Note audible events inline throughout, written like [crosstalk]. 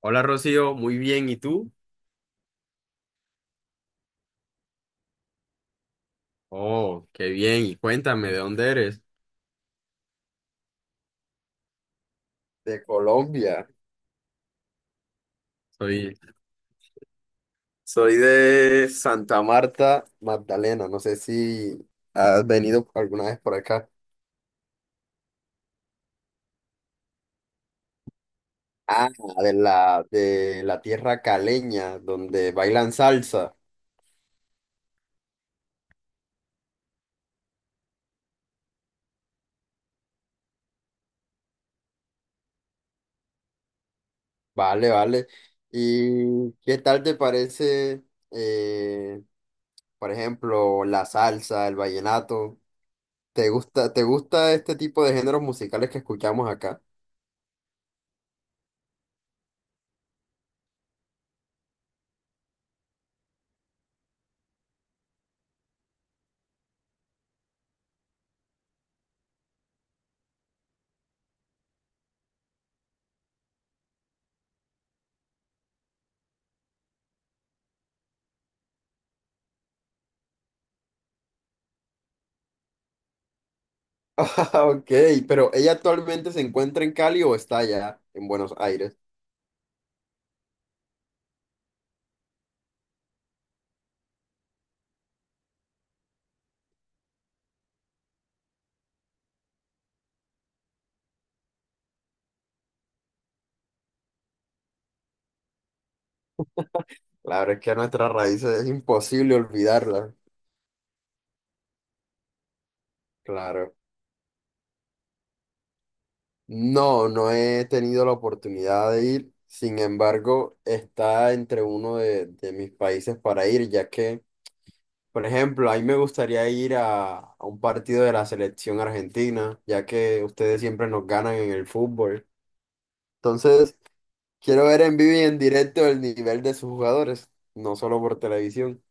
Hola Rocío, muy bien, ¿y tú? Oh, qué bien, y cuéntame, ¿de dónde eres? De Colombia. Soy, Soy de Santa Marta, Magdalena. No sé si has venido alguna vez por acá. Ah, de la tierra caleña, donde bailan salsa. Vale, vale. ¿Y qué tal te parece, eh, por ejemplo, la salsa, el vallenato? Te gusta este tipo de géneros musicales que escuchamos acá? [laughs] Ah, ok, pero ¿ella actualmente se encuentra en Cali o está allá en Buenos Aires? La verdad es que nuestras raíces es imposible olvidarlas. Claro. No, no he tenido la oportunidad de ir. Sin embargo, está entre de mis países para ir, ya que, por ejemplo, a mí me gustaría ir a un partido de la selección argentina, ya que ustedes siempre nos ganan en el fútbol. Entonces, quiero ver en vivo y en directo el nivel de sus jugadores, no solo por televisión.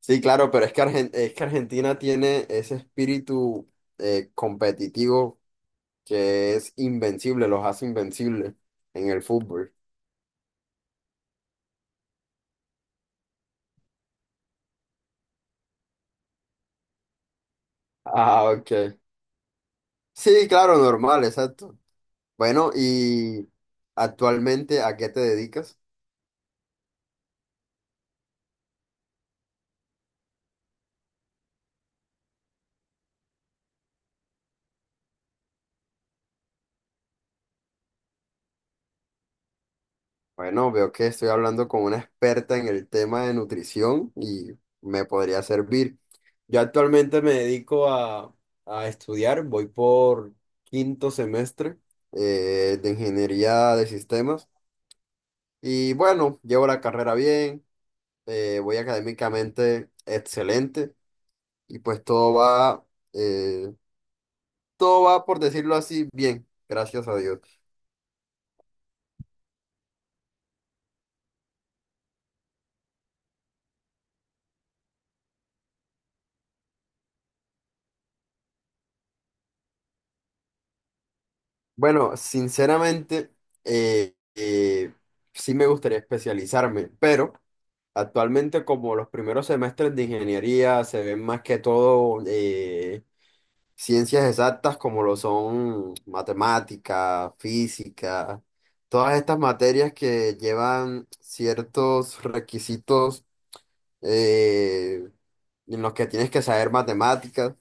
Sí, claro, pero es que, es que Argentina tiene ese espíritu competitivo que es invencible, los hace invencibles en el fútbol. Ah, ok. Sí, claro, normal, exacto. Bueno, y actualmente, ¿a qué te dedicas? Bueno, veo que estoy hablando con una experta en el tema de nutrición y me podría servir. Yo actualmente me dedico a estudiar, voy por quinto semestre de ingeniería de sistemas y bueno, llevo la carrera bien, voy académicamente excelente y pues eh, todo va, por decirlo así, bien, gracias a Dios. Bueno, sinceramente, eh, eh, sí me gustaría especializarme, pero actualmente como los primeros semestres de ingeniería se ven más que todo ciencias exactas como lo son matemática, física, todas estas materias que llevan ciertos requisitos eh, en los que tienes que saber matemáticas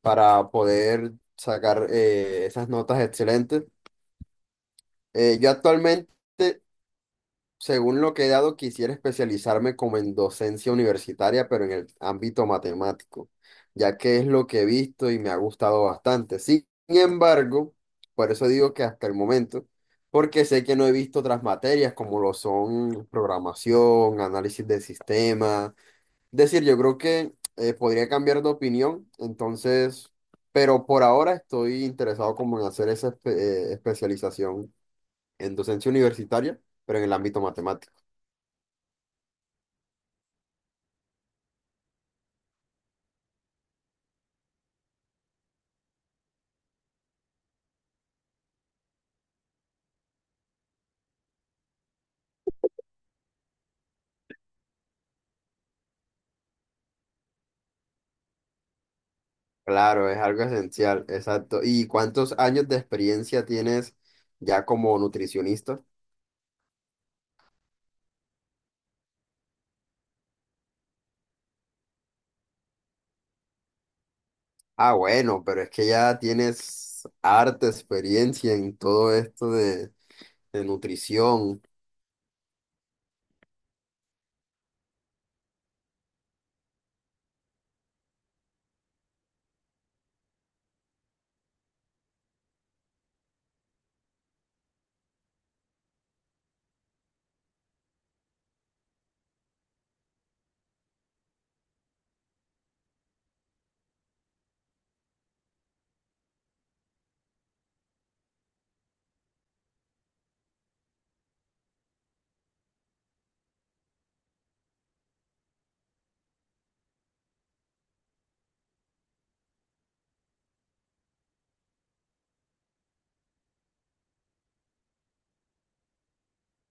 para poder sacar esas notas excelentes. Yo actualmente, según lo que he dado, quisiera especializarme como en docencia universitaria, pero en el ámbito matemático, ya que es lo que he visto y me ha gustado bastante. Sin embargo, por eso digo que hasta el momento, porque sé que no he visto otras materias como lo son programación, análisis de sistemas. Es decir, yo creo que podría cambiar de opinión, entonces, pero por ahora estoy interesado como en hacer especialización en docencia universitaria, pero en el ámbito matemático. Claro, es algo esencial, exacto. ¿Y cuántos años de experiencia tienes ya como nutricionista? Ah, bueno, pero es que ya tienes harta experiencia en todo de nutrición.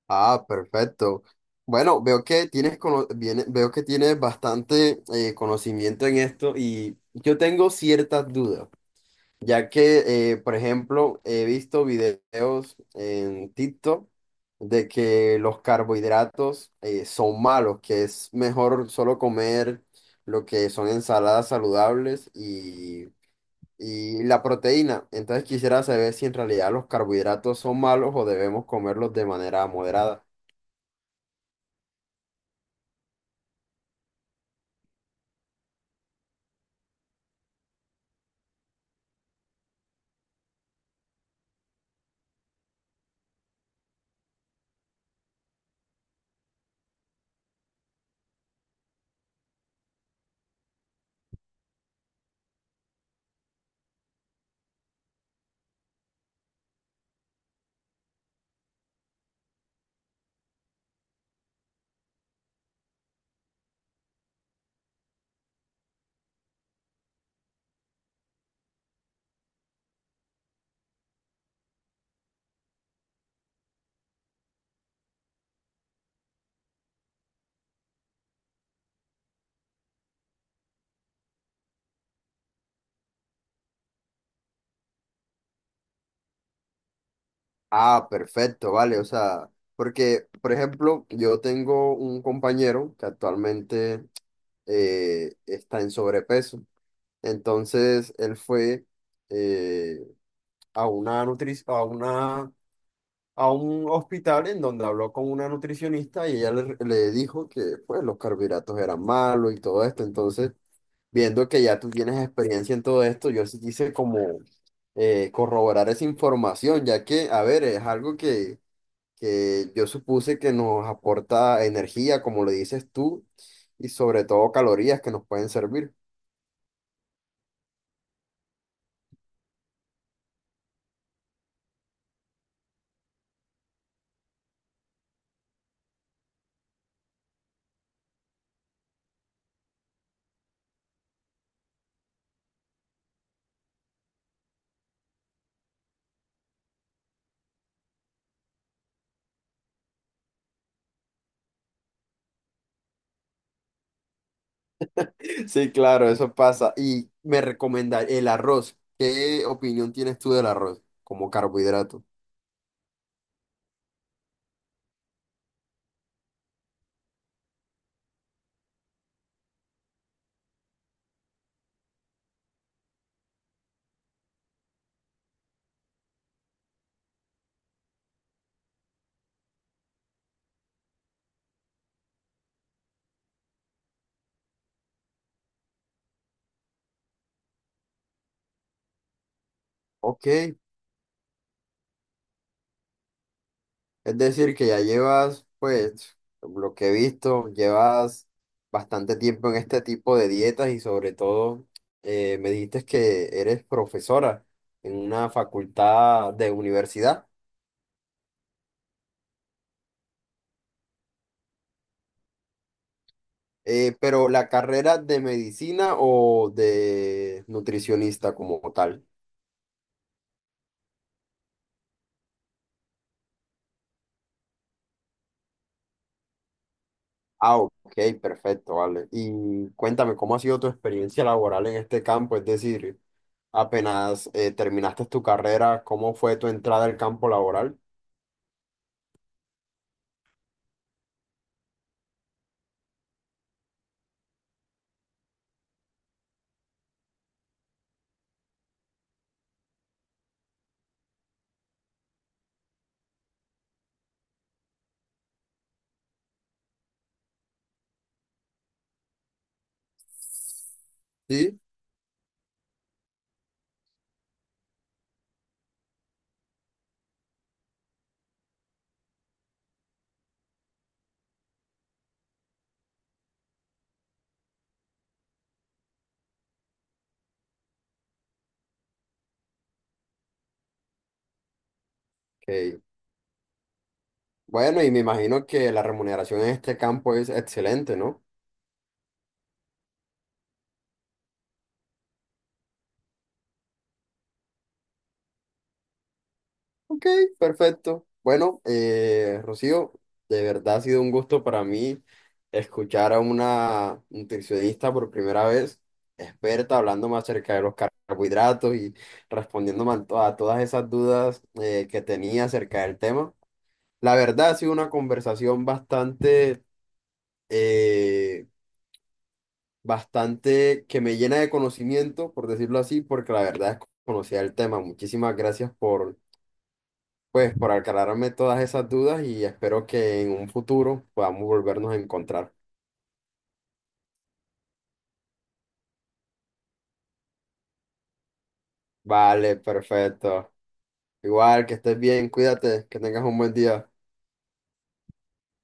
Ah, perfecto. Bueno, veo que veo que tienes bastante conocimiento en esto y yo tengo ciertas dudas. Ya que, por ejemplo, he visto videos en TikTok de que los carbohidratos son malos, que es mejor solo comer lo que son ensaladas saludables y la proteína. Entonces quisiera saber si en realidad los carbohidratos son malos o debemos comerlos de manera moderada. Ah, perfecto, vale. O sea, porque, por ejemplo, yo tengo un compañero que actualmente está en sobrepeso. Entonces él fue eh, a una nutri- a una, a un hospital en donde habló con una nutricionista y le dijo que pues los carbohidratos eran malos y todo esto. Entonces, viendo que ya tú tienes experiencia en todo esto, yo sí quise como corroborar esa información, ya que, a ver, es algo que yo supuse que nos aporta energía, como le dices tú, y sobre todo calorías que nos pueden servir. Sí, claro, eso pasa. Y me recomendar el arroz. ¿Qué opinión tienes tú del arroz como carbohidrato? Ok, es decir, que ya llevas, pues, lo que he visto, llevas bastante tiempo en este tipo de dietas y sobre todo me dijiste que eres profesora en una facultad de universidad. Pero la carrera de medicina o de nutricionista como tal. Ah, ok, perfecto, vale. Y cuéntame, ¿cómo ha sido tu experiencia laboral en este campo? Es decir, apenas terminaste tu carrera, ¿cómo fue tu entrada al campo laboral? Sí, ok. Bueno, y me imagino que la remuneración en este campo es excelente, ¿no? Ok, perfecto. Bueno, Rocío, de verdad ha sido un gusto para mí escuchar a una nutricionista por primera vez, experta, hablándome acerca de los carbohidratos y respondiéndome a todas esas dudas que tenía acerca del tema. La verdad ha sido una conversación eh, bastante que me llena de conocimiento, por decirlo así, porque la verdad es que conocía el tema. Muchísimas gracias por, pues, por aclararme todas esas dudas y espero que en un futuro podamos volvernos a encontrar. Vale, perfecto. Igual, que estés bien, cuídate, que tengas un buen día.